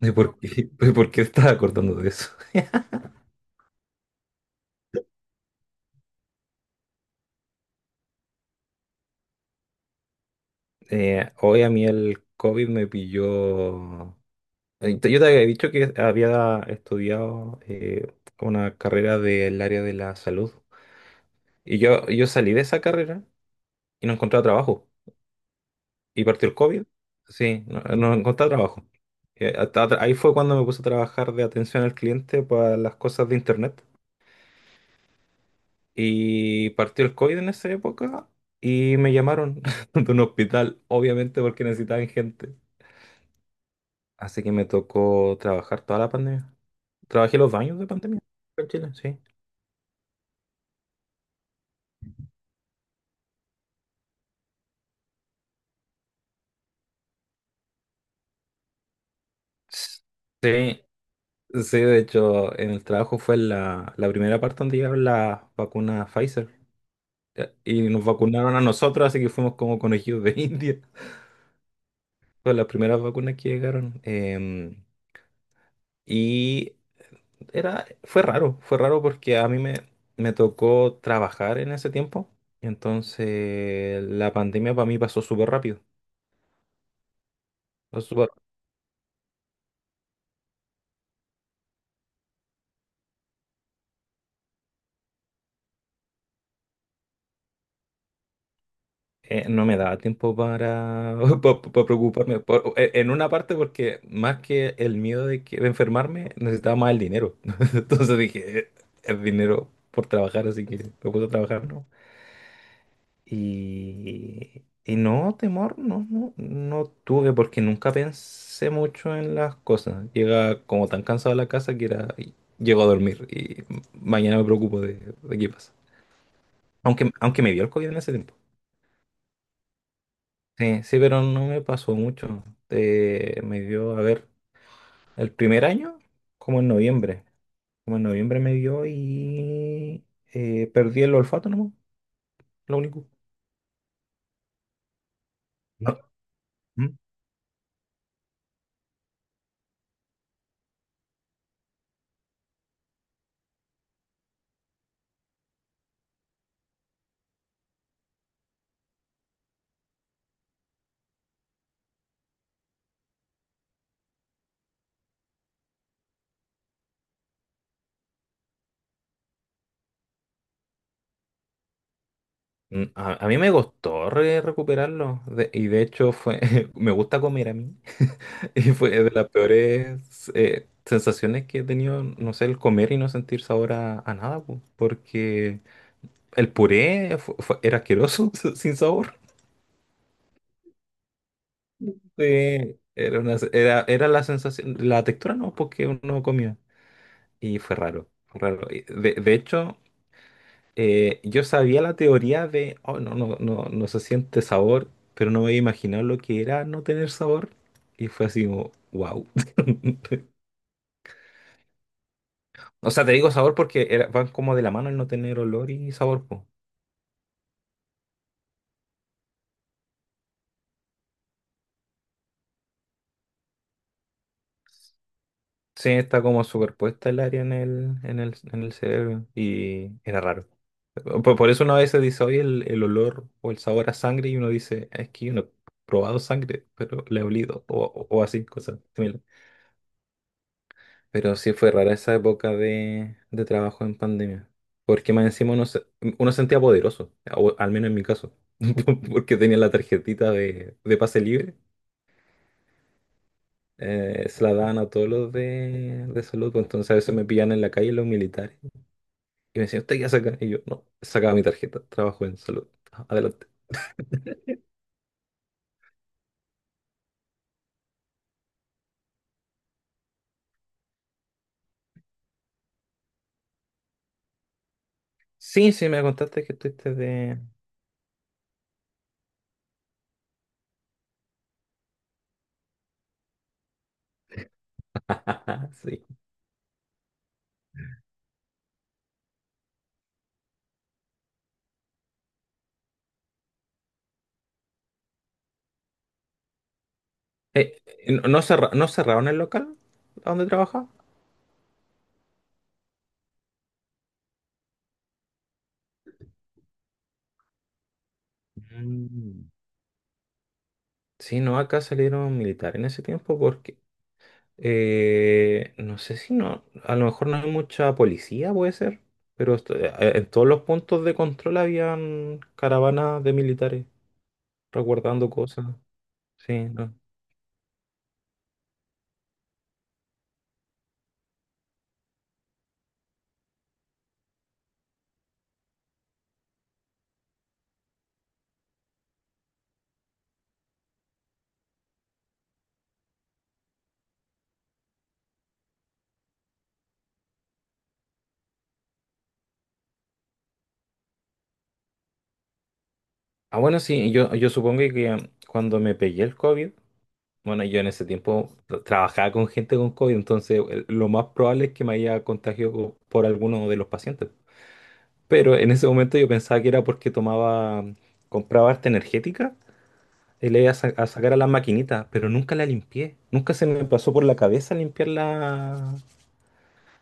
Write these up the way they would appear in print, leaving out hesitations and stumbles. ¿De por qué, de por qué estás acordando de eso? Hoy a mí el COVID me pilló. Yo te había dicho que había estudiado una carrera del área de la salud. Y yo salí de esa carrera y no encontraba trabajo. Y partió el COVID. Sí, no encontraba trabajo. Ahí fue cuando me puse a trabajar de atención al cliente para las cosas de internet. Y partió el COVID en esa época y me llamaron de un hospital, obviamente porque necesitaban gente. Así que me tocó trabajar toda la pandemia. Trabajé los baños de pandemia acá en Chile, sí. Sí, sí, de hecho, en el trabajo fue la primera parte donde llegaron las vacunas Pfizer. Y nos vacunaron a nosotros, así que fuimos como conejillos de India. Fueron las primeras vacunas que llegaron. Y Fue raro, fue raro porque me tocó trabajar en ese tiempo. Entonces, la pandemia para mí pasó súper rápido. No me daba tiempo para, pa- pa- pa preocuparme. En una parte porque más que el miedo de enfermarme, necesitaba más el dinero. Entonces dije, El dinero por trabajar, así que me puse a trabajar, ¿no? Y no, temor, no, no, no tuve porque nunca pensé mucho en las cosas. Llega como tan cansado a la casa que era, y llego a dormir y mañana me preocupo de qué pasa. Aunque me dio el COVID en ese tiempo. Sí, sí, pero no me pasó mucho. Me dio, a ver, el primer año, como en noviembre. Como en noviembre me dio y perdí el olfato, ¿no? Lo único. No. Mm. Mm, a mí me costó recuperarlo. Y de hecho fue, me gusta comer a mí. Y fue de las peores sensaciones que he tenido, no sé, el comer y no sentir sabor a nada, po, porque el puré era asqueroso, sin sabor. Sí, era la sensación, la textura no, porque uno comía. Y fue raro, fue raro. De hecho, yo sabía la teoría de, oh, no se siente sabor, pero no me había imaginado lo que era no tener sabor. Y fue así como, wow. O sea, te digo sabor porque van como de la mano el no tener olor y sabor, po. Sí, está como superpuesta el área en el cerebro. Y era raro. Por eso uno a veces dice, oye, el olor o el sabor a sangre, y uno dice, es que yo no he probado sangre, pero le he olido, o así, cosas similares. Pero sí fue rara esa época de trabajo en pandemia, porque más encima uno sentía poderoso, o al menos en mi caso, porque tenía la tarjetita de pase libre, se la daban a todos los de salud, pues entonces a veces me pillan en la calle los militares, y me decían, ¿usted qué saca? Y yo, no, sacaba mi tarjeta, trabajo en salud, adelante. Sí, sí, me contaste que estuviste de... Sí. ¿No cerraron el local donde trabajaba? Mm. Sí, no, acá salieron militares en ese tiempo porque no sé si no, a lo mejor no hay mucha policía, puede ser, pero en todos los puntos de control habían caravanas de militares resguardando cosas. Sí, no. Ah, bueno, sí, yo supongo que cuando me pegué el COVID, bueno, yo en ese tiempo trabajaba con gente con COVID, entonces lo más probable es que me haya contagiado por alguno de los pacientes. Pero en ese momento yo pensaba que era porque tomaba, compraba harta energética y le iba a sacar a las maquinitas, pero nunca la limpié. Nunca se me pasó por la cabeza limpiar la,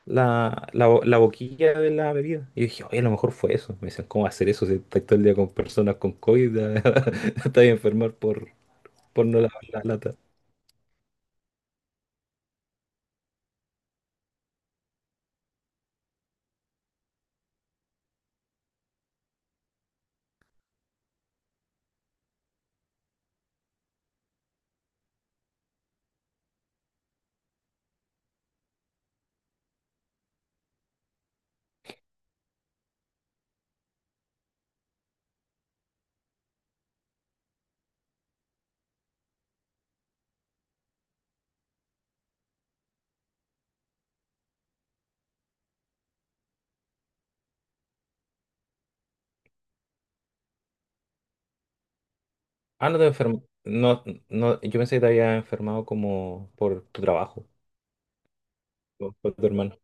la, la, bo- la boquilla de la bebida. Y yo dije, oye, a lo mejor fue eso. Me dicen, ¿cómo va a hacer eso si estás todo el día con personas con COVID? Te vas a enfermar por no lavar la lata. Ah, no te enfermo. No, no, yo pensé que te había enfermado como por tu trabajo, o por tu hermano.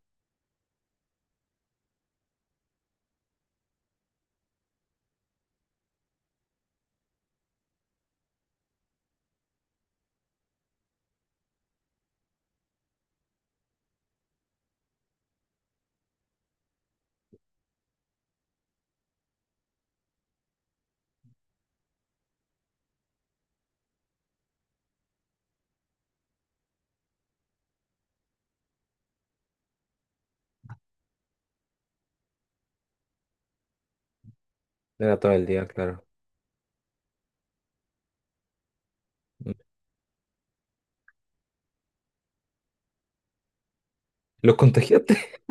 Era todo el día, claro. Mm. ¿Los contagiaste?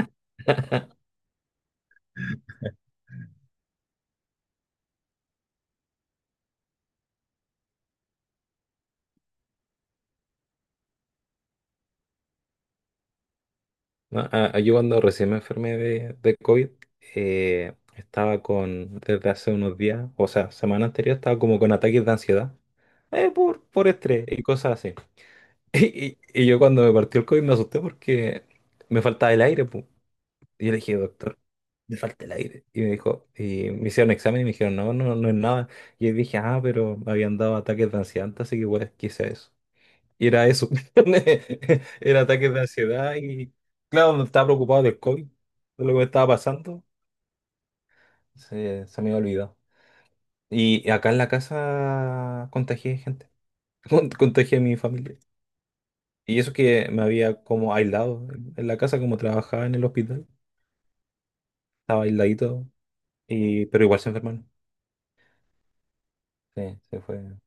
No, yo cuando recién me enfermé de COVID, estaba con, desde hace unos días, o sea, semana anterior, estaba como con ataques de ansiedad, por estrés y cosas así. Y, y yo cuando me partió el COVID me asusté porque me faltaba el aire, pu. Y yo le dije, doctor, me falta el aire. Y me dijo, y me hicieron examen y me dijeron, no, no, no es nada. Y yo dije, ah, pero me habían dado ataques de ansiedad antes, así que igual quise eso. Y era eso. Era ataques de ansiedad y, claro, estaba preocupado del COVID, de lo que me estaba pasando. Se me había olvidado. Y acá en la casa contagié gente, contagié a mi familia. Y eso que me había como aislado en la casa, como trabajaba en el hospital, estaba aisladito, y, pero igual se enfermaron. Sí, se fue.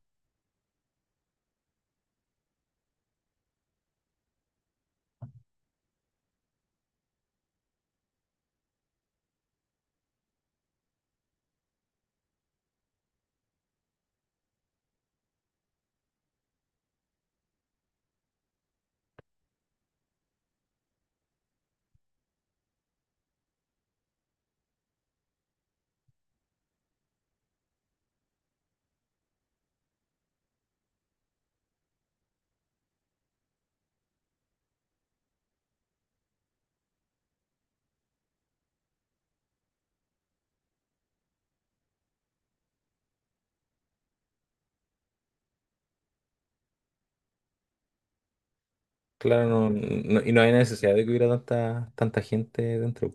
Claro, y no hay necesidad de que hubiera tanta, tanta gente dentro.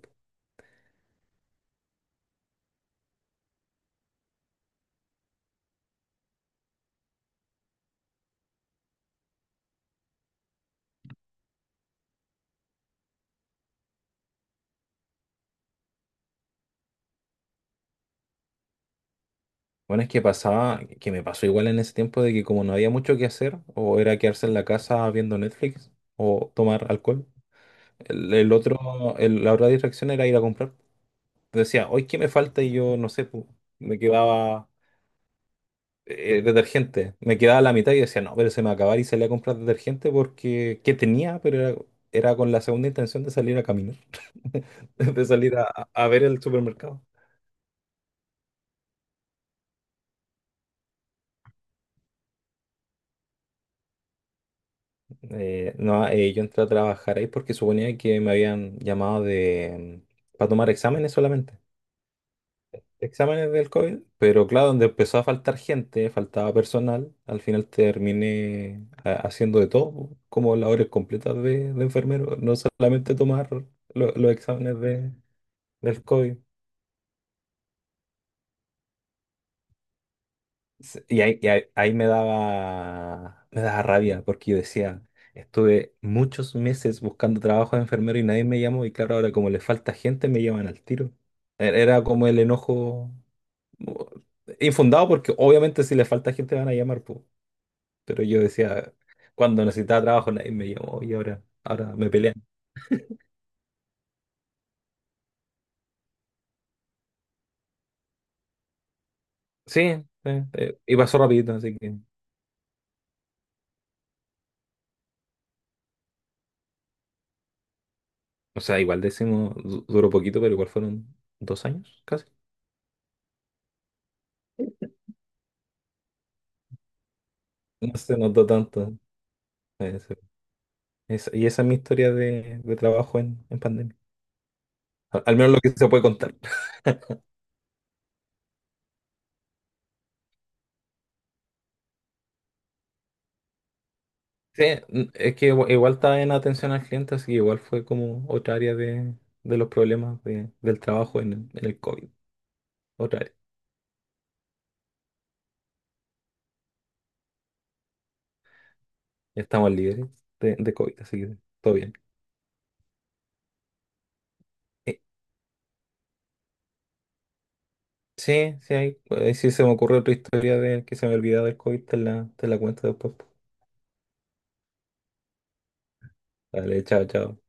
Bueno, es que pasaba, que me pasó igual en ese tiempo de que como no había mucho que hacer, o era quedarse en la casa viendo Netflix o tomar alcohol, la otra distracción era ir a comprar. Decía, hoy qué me falta y yo no sé, po, me quedaba detergente, me quedaba la mitad y decía, no, pero se me va a acabar y salía a comprar detergente porque que tenía, pero era con la segunda intención de salir a caminar, de salir a ver el supermercado. No, Yo entré a trabajar ahí porque suponía que me habían llamado de mm, para tomar exámenes solamente, exámenes del COVID, pero claro, donde empezó a faltar gente, faltaba personal, al final terminé haciendo de todo, como labores completas de enfermero, no solamente tomar los exámenes del COVID. Sí, y ahí, ahí me daba rabia porque yo decía, estuve muchos meses buscando trabajo de enfermero y nadie me llamó y claro, ahora como le falta gente me llaman al tiro. Era como el enojo uh, infundado porque obviamente si le falta gente van a llamar, po. Pero yo decía, cuando necesitaba trabajo nadie me llamó y ahora, ahora me pelean. Sí, y pasó rapidito, así que, o sea, igual decimos, duró poquito, pero igual fueron 2 años casi. No se notó tanto. eh, y esa es mi historia de trabajo en pandemia. Al menos lo que se puede contar. Sí, es que igual, estaba en atención al cliente, así que igual fue como otra área de los problemas del trabajo en el COVID. Otra área. Ya estamos libres de COVID, así que todo bien. Eh, sí, sí, hay, sí se me ocurre otra historia de que se me olvidaba del COVID, te la cuento después. Dale, chao, chao.